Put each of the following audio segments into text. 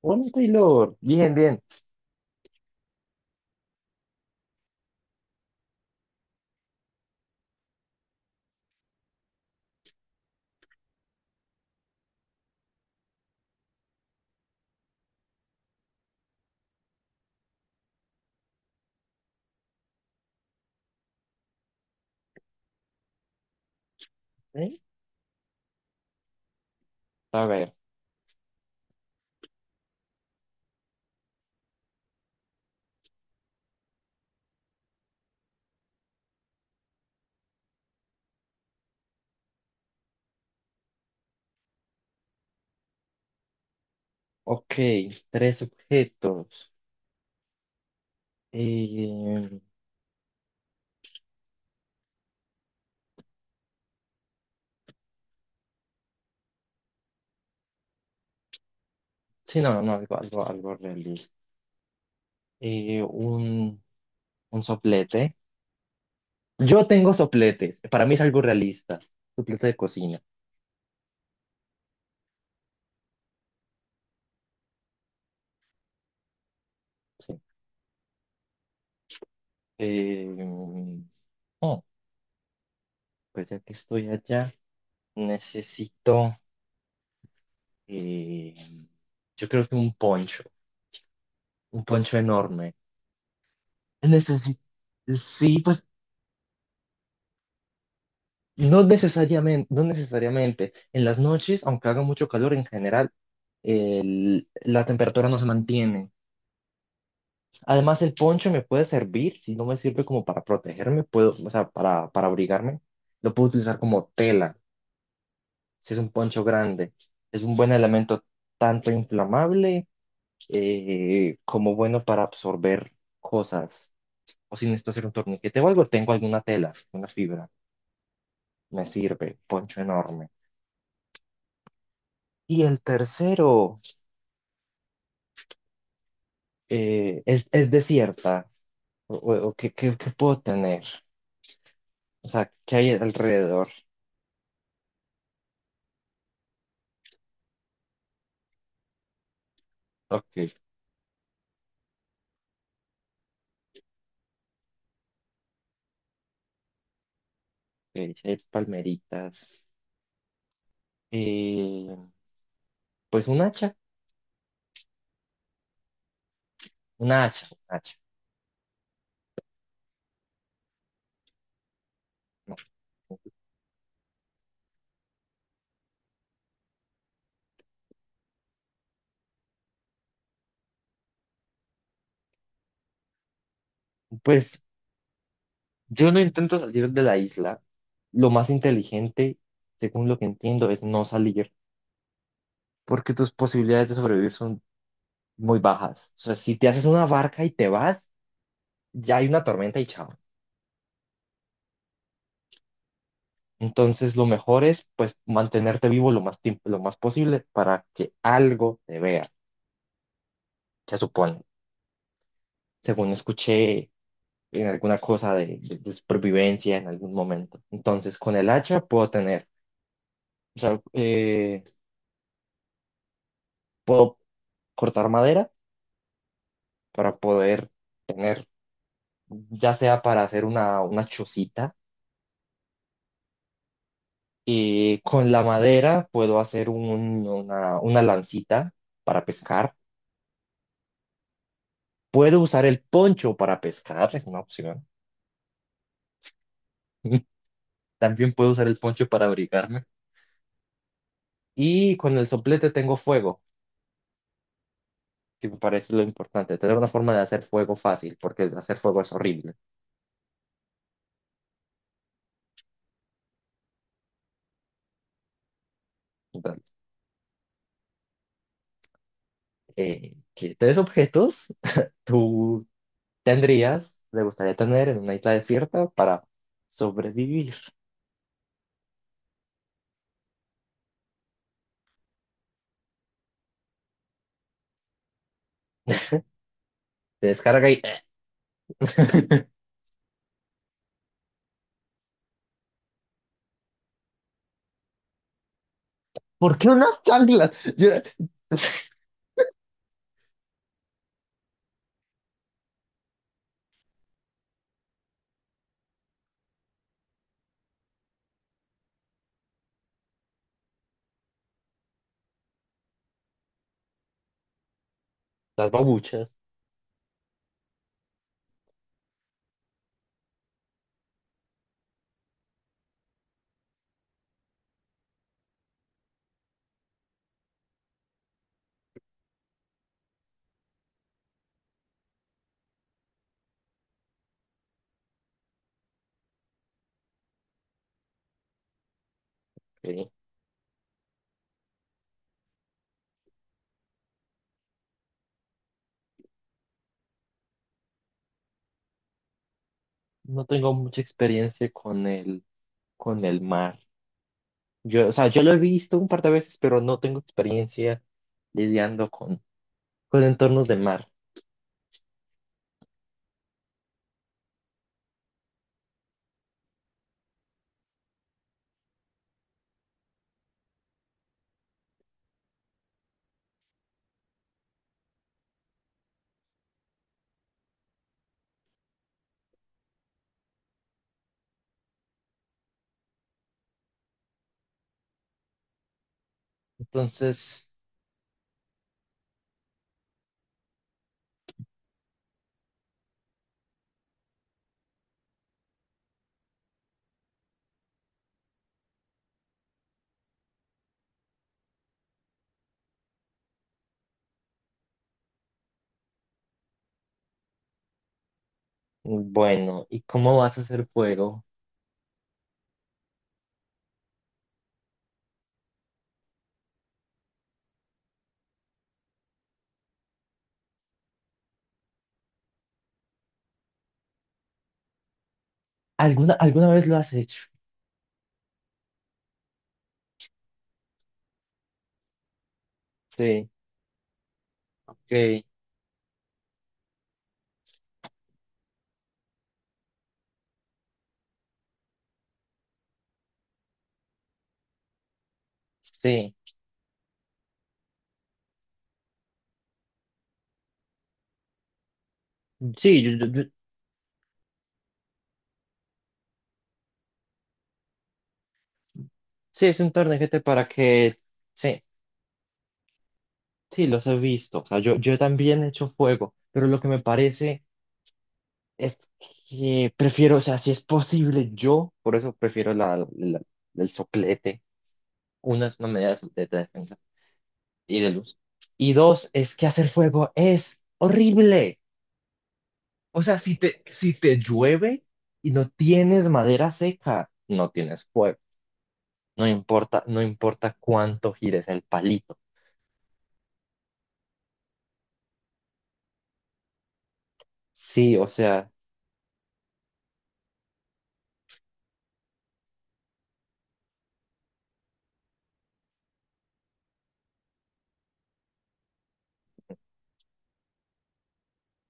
Hola Taylor, bien, bien. ¿Eh? A ver, ok, tres objetos. Eh, sí, no, no, algo realista. Eh, un, un soplete. Yo tengo sopletes, para mí es algo realista. Soplete de cocina, sí. Eh, oh, pues ya que estoy allá, necesito, eh, yo creo que un poncho enorme. Necesito, sí, pues no necesariamente, no necesariamente. En las noches, aunque haga mucho calor en general, la temperatura no se mantiene. Además, el poncho me puede servir, si no me sirve como para protegerme, puedo, o sea, para abrigarme, lo puedo utilizar como tela, si es un poncho grande. Es un buen elemento tanto inflamable como bueno para absorber cosas. O si necesito hacer un torniquete o algo, tengo alguna tela, una fibra, me sirve, poncho enorme. Y el tercero. Eh, ¿es, es desierta? ¿O, o qué, qué puedo tener? O sea, ¿qué hay alrededor? Ok, ok, sí hay palmeritas. Eh, pues un hacha, una hacha, un hacha. No, pues yo no intento salir de la isla. Lo más inteligente, según lo que entiendo, es no salir, porque tus posibilidades de sobrevivir son muy bajas. O sea, si te haces una barca y te vas, ya hay una tormenta y chao. Entonces, lo mejor es, pues, mantenerte vivo lo más tiempo, lo más posible para que algo te vea, se supone, según escuché en alguna cosa de supervivencia en algún momento. Entonces, con el hacha puedo tener, o sea, puedo cortar madera para poder tener, ya sea para hacer una chocita, y con la madera puedo hacer una lancita para pescar. Puedo usar el poncho para pescar, es una opción. También puedo usar el poncho para abrigarme. Y con el soplete tengo fuego, que me parece lo importante. Tener una forma de hacer fuego fácil, porque hacer fuego es horrible. Entonces, ¿qué tres objetos tú tendrías, te gustaría tener en una isla desierta para sobrevivir? Te descarga y... ¿Por qué unas chanclas? Las babuchas. Ok. No tengo mucha experiencia con el mar. Yo, o sea, yo lo he visto un par de veces, pero no tengo experiencia lidiando con entornos de mar. Entonces, bueno, ¿y cómo vas a hacer fuego? ¿Alguna, alguna vez lo has hecho? Sí, ok, sí. Sí, sí, es un torniquete para que... Sí, sí, los he visto. O sea, yo también he hecho fuego, pero lo que me parece es que prefiero, o sea, si es posible, yo, por eso prefiero el soplete, unas medidas de defensa. Y de luz. Y dos, es que hacer fuego es horrible. O sea, si te llueve y no tienes madera seca, no tienes fuego. No importa, no importa cuánto gires el palito. Sí,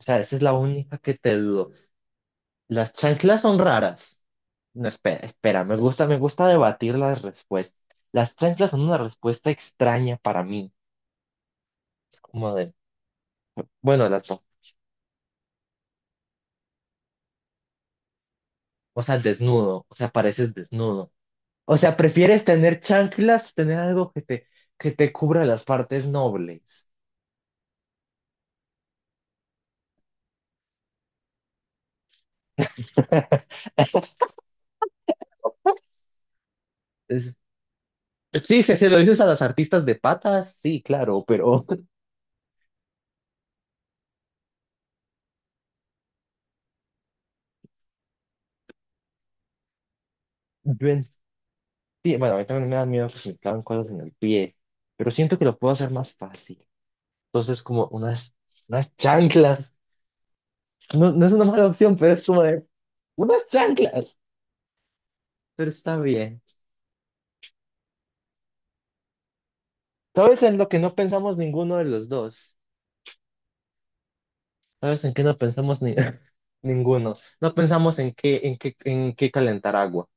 o sea, esa es la única que te dudo. Las chanclas son raras. No, espera, espera, me gusta debatir las respuestas. Las chanclas son una respuesta extraña para mí. Como de, bueno, las, o sea, desnudo, o sea, pareces desnudo. O sea, prefieres tener chanclas, tener algo que te cubra las partes nobles. Es- sí, si se lo dices a las artistas de patas, sí, claro, pero yo entiendo, bueno, a mí también me da miedo que se me claven cosas en el pie, pero siento que lo puedo hacer más fácil. Entonces, como unas chanclas, no, no es una mala opción, pero es como de unas chanclas, pero está bien. Todo eso es lo que no pensamos ninguno de los dos. ¿Sabes en qué no pensamos ninguno? No pensamos en qué, en qué calentar agua.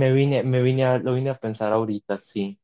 Me vine a, lo vine a pensar ahorita, sí.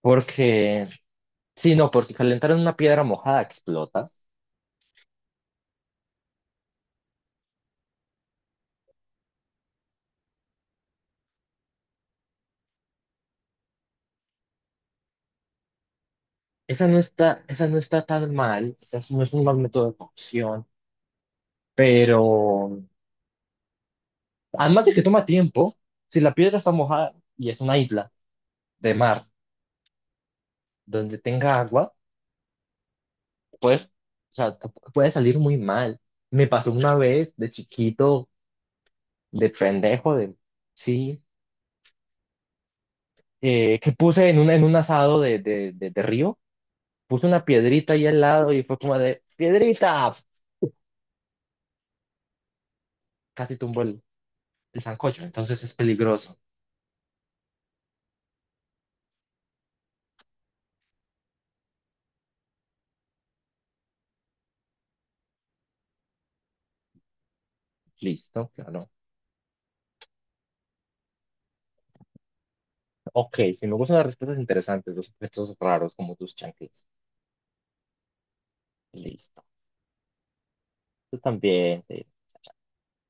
Porque, sí, no, porque calentar en una piedra mojada explota. Esa no está tan mal, no es un mal método de cocción, pero además de que toma tiempo, si la piedra está mojada y es una isla de mar donde tenga agua, pues, o sea, puede salir muy mal. Me pasó una vez de chiquito de pendejo, de, sí, que puse en un asado de río, puse una piedrita ahí al lado y fue como de, piedrita, casi tumbó el sancocho, entonces es peligroso. Listo, claro. Ok, si me gustan las respuestas interesantes, los objetos raros como tus chanclas. Listo. Tú también. Sí.